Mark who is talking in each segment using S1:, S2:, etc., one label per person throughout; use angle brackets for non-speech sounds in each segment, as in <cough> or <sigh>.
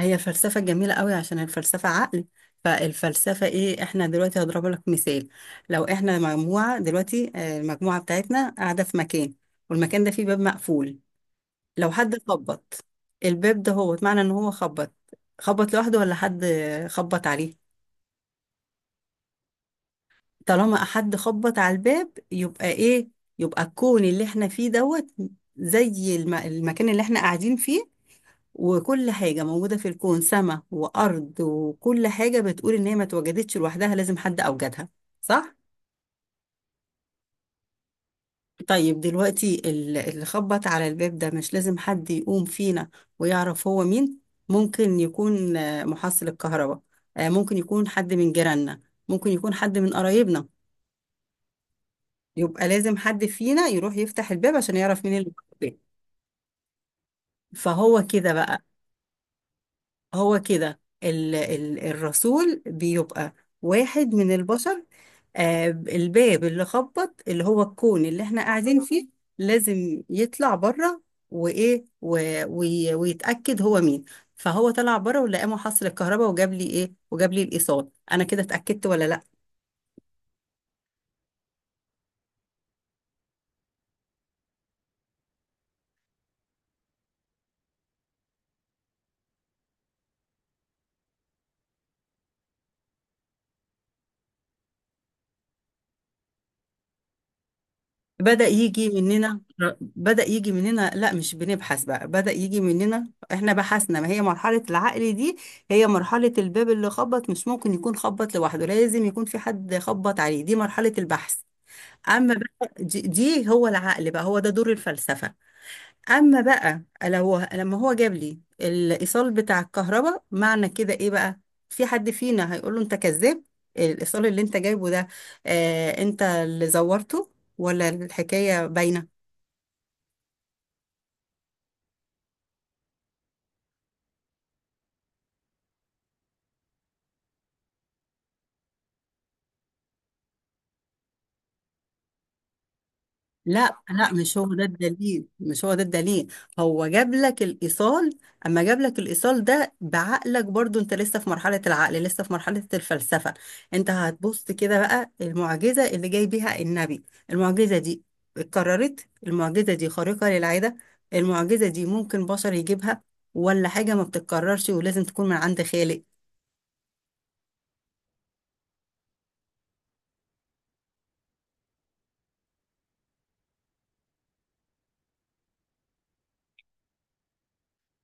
S1: هي الفلسفة جميلة قوي عشان الفلسفة عقل. فالفلسفة ايه، احنا دلوقتي هضرب لك مثال. لو احنا مجموعة دلوقتي المجموعة بتاعتنا قاعدة في مكان، والمكان ده فيه باب مقفول. لو حد خبط الباب ده، هو معنى ان هو خبط خبط لوحده ولا حد خبط عليه؟ طالما حد خبط على الباب يبقى ايه؟ يبقى الكون اللي احنا فيه دوت زي المكان اللي احنا قاعدين فيه. وكل حاجة موجودة في الكون، سماء وأرض، وكل حاجة بتقول إن هي ما اتوجدتش لوحدها، لازم حد أوجدها. صح؟ طيب دلوقتي اللي خبط على الباب ده، مش لازم حد يقوم فينا ويعرف هو مين؟ ممكن يكون محصل الكهرباء، ممكن يكون حد من جيراننا، ممكن يكون حد من قرايبنا. يبقى لازم حد فينا يروح يفتح الباب عشان يعرف مين اللي في البيت. فهو كده بقى، هو كده ال الرسول بيبقى واحد من البشر. آه الباب اللي خبط، اللي هو الكون اللي احنا قاعدين فيه، لازم يطلع بره وايه ويتأكد هو مين. فهو طلع بره ولقى محصل الكهرباء وجاب لي ايه، وجاب لي الايصال. انا كده اتأكدت ولا لا؟ بدأ يجي مننا. بدأ يجي مننا، لا مش بنبحث بقى، بدأ يجي مننا احنا بحثنا. ما هي مرحلة العقل دي؟ هي مرحلة الباب اللي خبط، مش ممكن يكون خبط لوحده، لازم يكون في حد خبط عليه. دي مرحلة البحث. أما بقى دي هو العقل بقى، هو ده دور الفلسفة. اما بقى لو لما هو جاب لي الايصال بتاع الكهرباء، معنى كده ايه بقى؟ في حد فينا هيقول له انت كذاب، الايصال اللي انت جايبه ده، آه انت اللي زورته، ولا الحكايه باينه؟ لا لا مش هو ده الدليل، هو جاب لك الإيصال. أما جاب لك الإيصال ده بعقلك برضو، أنت لسه في مرحلة العقل، لسه في مرحلة الفلسفة. أنت هتبص كده بقى، المعجزة اللي جاي بيها النبي، المعجزة دي اتكررت؟ المعجزة دي خارقة للعادة؟ المعجزة دي ممكن بشر يجيبها، ولا حاجة ما بتتكررش ولازم تكون من عند خالق؟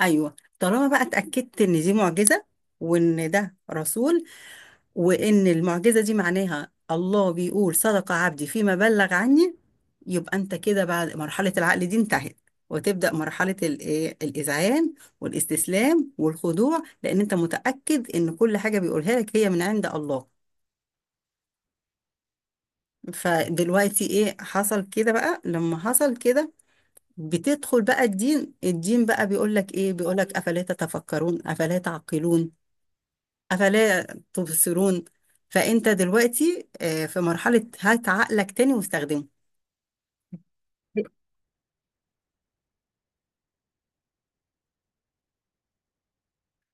S1: أيوه، طالما بقى اتأكدت إن دي معجزة، وإن ده رسول، وإن المعجزة دي معناها الله بيقول صدق عبدي فيما بلغ عني، يبقى أنت كده بعد مرحلة العقل دي انتهت، وتبدأ مرحلة ال- إيه، الإذعان والاستسلام والخضوع، لأن أنت متأكد إن كل حاجة بيقولها لك هي من عند الله. فدلوقتي إيه حصل كده بقى؟ لما حصل كده بتدخل بقى الدين. الدين بقى بيقول لك إيه؟ بيقول لك أفلا تتفكرون، أفلا تعقلون، أفلا تبصرون. فأنت دلوقتي في مرحلة هات عقلك تاني واستخدمه.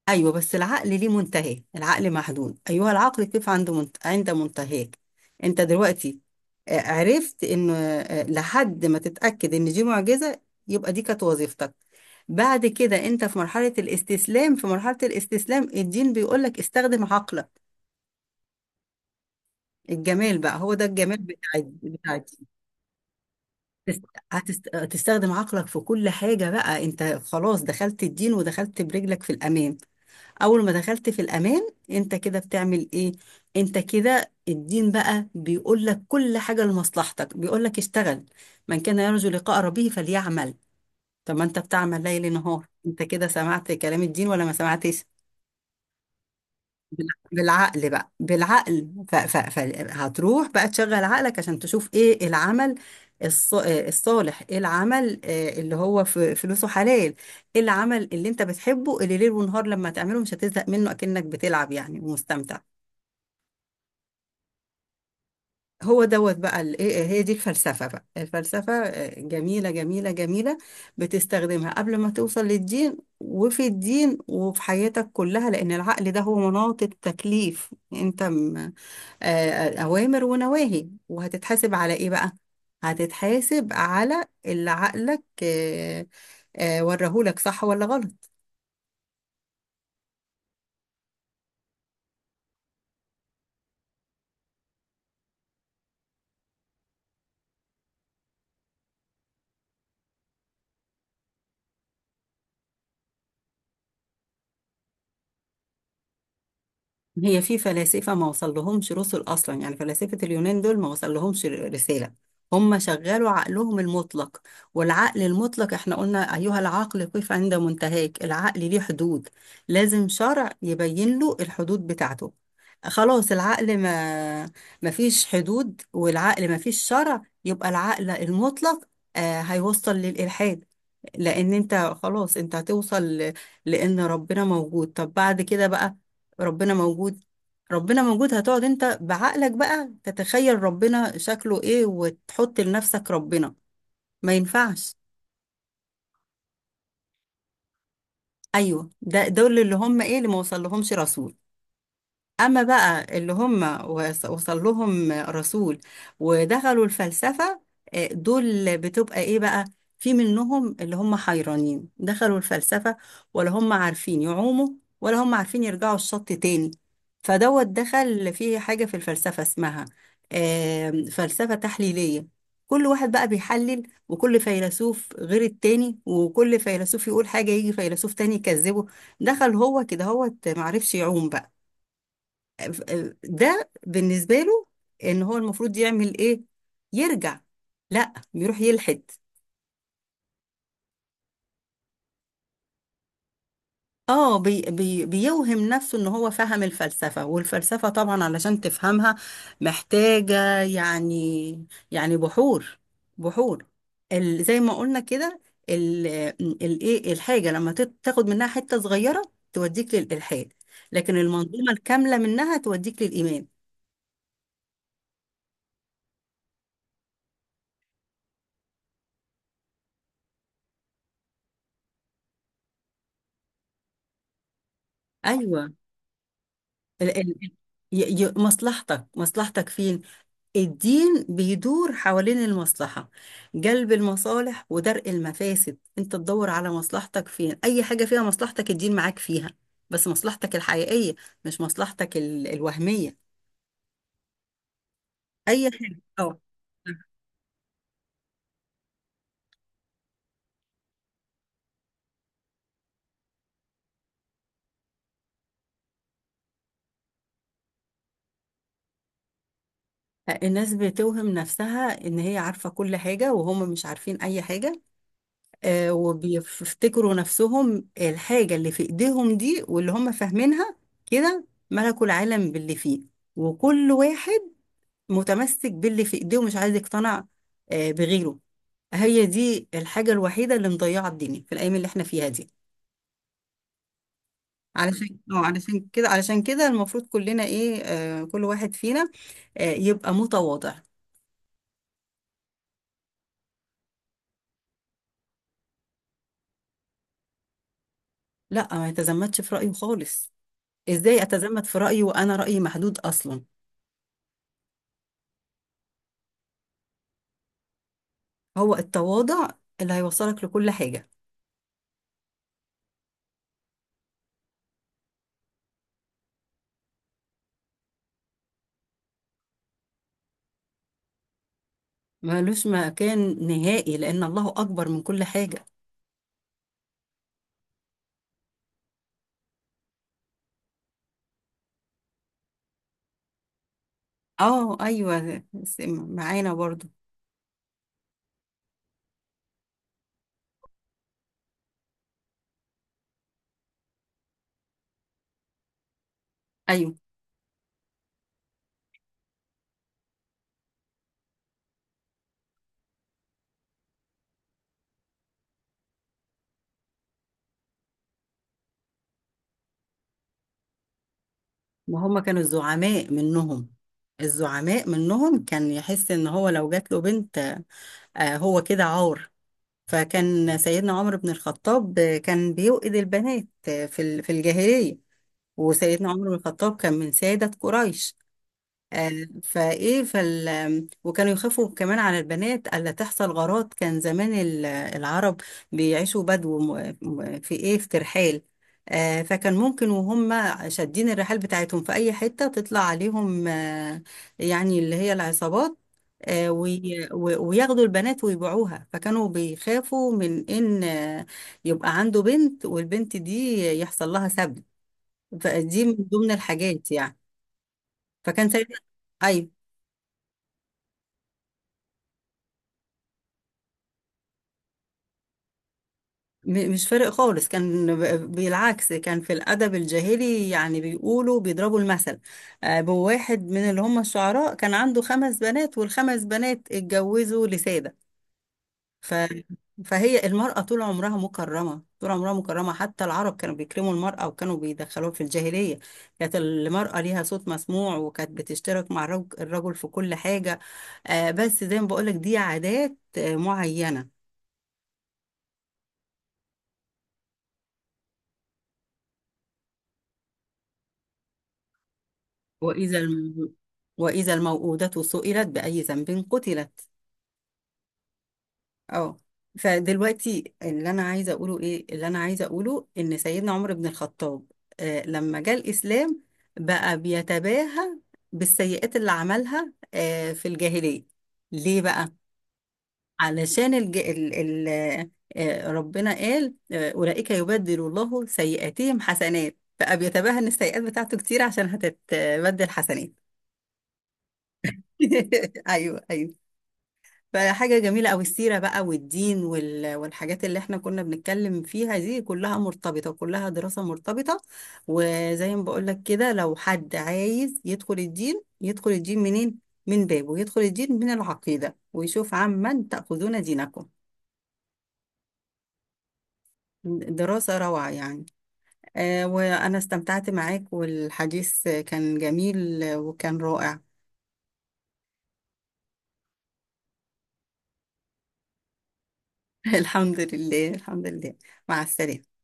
S1: أيوه بس العقل ليه منتهى، العقل محدود، أيها العقل كيف عنده عند منتهاك. أنت دلوقتي عرفت إن لحد ما تتأكد إن دي معجزة، يبقى دي كانت وظيفتك. بعد كده أنت في مرحلة الاستسلام، في مرحلة الاستسلام الدين بيقولك استخدم عقلك. الجمال بقى هو ده الجمال بتاع تست- تستخدم عقلك في كل حاجة بقى. انت خلاص دخلت الدين ودخلت برجلك في الأمان. أول ما دخلت في الأمان انت كده بتعمل ايه؟ انت كده الدين بقى بيقول لك كل حاجة لمصلحتك، بيقول لك اشتغل. من كان يرجو لقاء ربه فليعمل. طب ما انت بتعمل ليل نهار، انت كده سمعت كلام الدين ولا ما سمعتش؟ بالعقل بقى، بالعقل فهتروح بقى تشغل عقلك عشان تشوف ايه العمل الصالح. ايه العمل اللي هو فلوسه حلال؟ ايه العمل اللي انت بتحبه اللي ليل ونهار لما تعمله مش هتزهق منه، اكنك بتلعب يعني ومستمتع. هو دوت بقى هي دي الفلسفة بقى. الفلسفة جميلة جميلة جميلة. بتستخدمها قبل ما توصل للدين، وفي الدين، وفي حياتك كلها، لأن العقل ده هو مناط التكليف. انت أوامر ونواهي. وهتتحاسب على إيه بقى؟ هتتحاسب على اللي عقلك ورهولك صح ولا غلط. هي في فلاسفة ما وصلهمش رسل أصلا، يعني فلاسفة اليونان دول ما وصلهمش رسالة. هم شغلوا عقلهم المطلق، والعقل المطلق احنا قلنا أيها العقل قف عند منتهاك. العقل ليه حدود، لازم شرع يبين له الحدود بتاعته. خلاص العقل ما فيش حدود، والعقل ما فيش شرع، يبقى العقل المطلق هيوصل للإلحاد. لان انت خلاص انت هتوصل لان ربنا موجود. طب بعد كده بقى ربنا موجود، هتقعد انت بعقلك بقى تتخيل ربنا شكله ايه وتحط لنفسك ربنا. ما ينفعش. ايوه ده دول اللي هم ايه اللي ما وصل لهمش رسول. أما بقى اللي هم وصل لهم رسول ودخلوا الفلسفة، دول بتبقى إيه بقى؟ في منهم اللي هم حيرانين، دخلوا الفلسفة ولا هم عارفين يعوموا ولا هم عارفين يرجعوا الشط تاني. فدوت دخل في حاجة في الفلسفة اسمها فلسفة تحليلية. كل واحد بقى بيحلل، وكل فيلسوف غير التاني، وكل فيلسوف يقول حاجة يجي فيلسوف تاني يكذبه. دخل هو كده، هو معرفش يعوم بقى، ده بالنسبة له ان هو المفروض يعمل ايه؟ يرجع؟ لا، بيروح يلحد. اه بي بي بيوهم نفسه ان هو فهم الفلسفة. والفلسفة طبعا علشان تفهمها محتاجة يعني، يعني بحور بحور. ال زي ما قلنا كده، ال- الايه الحاجة لما تاخد منها حتة صغيرة توديك للإلحاد، لكن المنظومة الكاملة منها توديك للإيمان. ايوه ال- ال- مصلحتك فين؟ الدين بيدور حوالين المصلحة، جلب المصالح ودرء المفاسد. انت تدور على مصلحتك فين، اي حاجة فيها مصلحتك الدين معاك فيها، بس مصلحتك الحقيقية، مش مصلحتك الوهمية. اي حاجة اه. الناس بتوهم نفسها ان هي عارفة كل حاجة، وهم مش عارفين اي حاجة. وبيفتكروا نفسهم الحاجة اللي في ايديهم دي واللي هم فاهمينها كده ملكوا العالم باللي فيه. وكل واحد متمسك باللي في ايديه ومش عايز يقتنع بغيره. هي دي الحاجة الوحيدة اللي مضيعة الدنيا في الأيام اللي احنا فيها دي. علشان كده المفروض كلنا ايه، آه كل واحد فينا يبقى متواضع. لا ما يتزمتش في رأيه خالص. ازاي اتزمت في رأيي وانا رأيي محدود اصلا؟ هو التواضع اللي هيوصلك لكل حاجة. ملوش مكان نهائي لأن الله أكبر من كل حاجة. اه أيوة معانا برضو. أيوة ما هما كانوا الزعماء منهم، كان يحس إن هو لو جات له بنت هو كده عار. فكان سيدنا عمر بن الخطاب كان بيوئد البنات في في الجاهلية، وسيدنا عمر بن الخطاب كان من سادة قريش. آه، فايه فال وكانوا يخافوا كمان على البنات الا تحصل غارات. كان زمان العرب بيعيشوا بدو في ايه، في ترحال. فكان ممكن وهم شادين الرحال بتاعتهم في اي حته تطلع عليهم، يعني اللي هي العصابات، وياخدوا البنات ويبيعوها. فكانوا بيخافوا من ان يبقى عنده بنت والبنت دي يحصل لها سبي. فدي من ضمن الحاجات يعني. فكان سيدنا اي مش فارق خالص. كان بالعكس، كان في الأدب الجاهلي يعني بيقولوا بيضربوا المثل بواحد من اللي هم الشعراء كان عنده خمس بنات والخمس بنات اتجوزوا لسادة. ف... فهي المرأة طول عمرها مكرمة، طول عمرها مكرمة، حتى العرب كانوا بيكرموا المرأة وكانوا بيدخلوها في الجاهلية. كانت المرأة ليها صوت مسموع وكانت بتشترك مع الرجل في كل حاجة. بس زي ما بقولك دي عادات معينة. وإذا الم... وإذا الموءودة سئلت بأي ذنب قتلت. اه فدلوقتي اللي أنا عايزة أقوله إيه، اللي أنا عايزة أقوله إن سيدنا عمر بن الخطاب لما جاء الإسلام بقى بيتباهى بالسيئات اللي عملها في الجاهلية. ليه بقى؟ علشان الج... ال... ال... آه ربنا قال أولئك يبدل الله سيئاتهم حسنات، بقى بيتباهى إن السيئات بتاعته كتير عشان هتتبدل حسنات. <laughs> ايوه ايوه. فحاجة جميلة أوي السيرة بقى، والدين والحاجات اللي احنا كنا بنتكلم فيها دي كلها مرتبطة، كلها دراسة مرتبطة. وزي ما بقولك كده، لو حد عايز يدخل الدين يدخل الدين منين؟ من بابه، يدخل الدين من العقيدة ويشوف عمن تأخذون دينكم. دراسة روعة يعني. آه وأنا استمتعت معاك والحديث كان جميل وكان رائع. <laughs> الحمد لله الحمد لله. مع السلامة.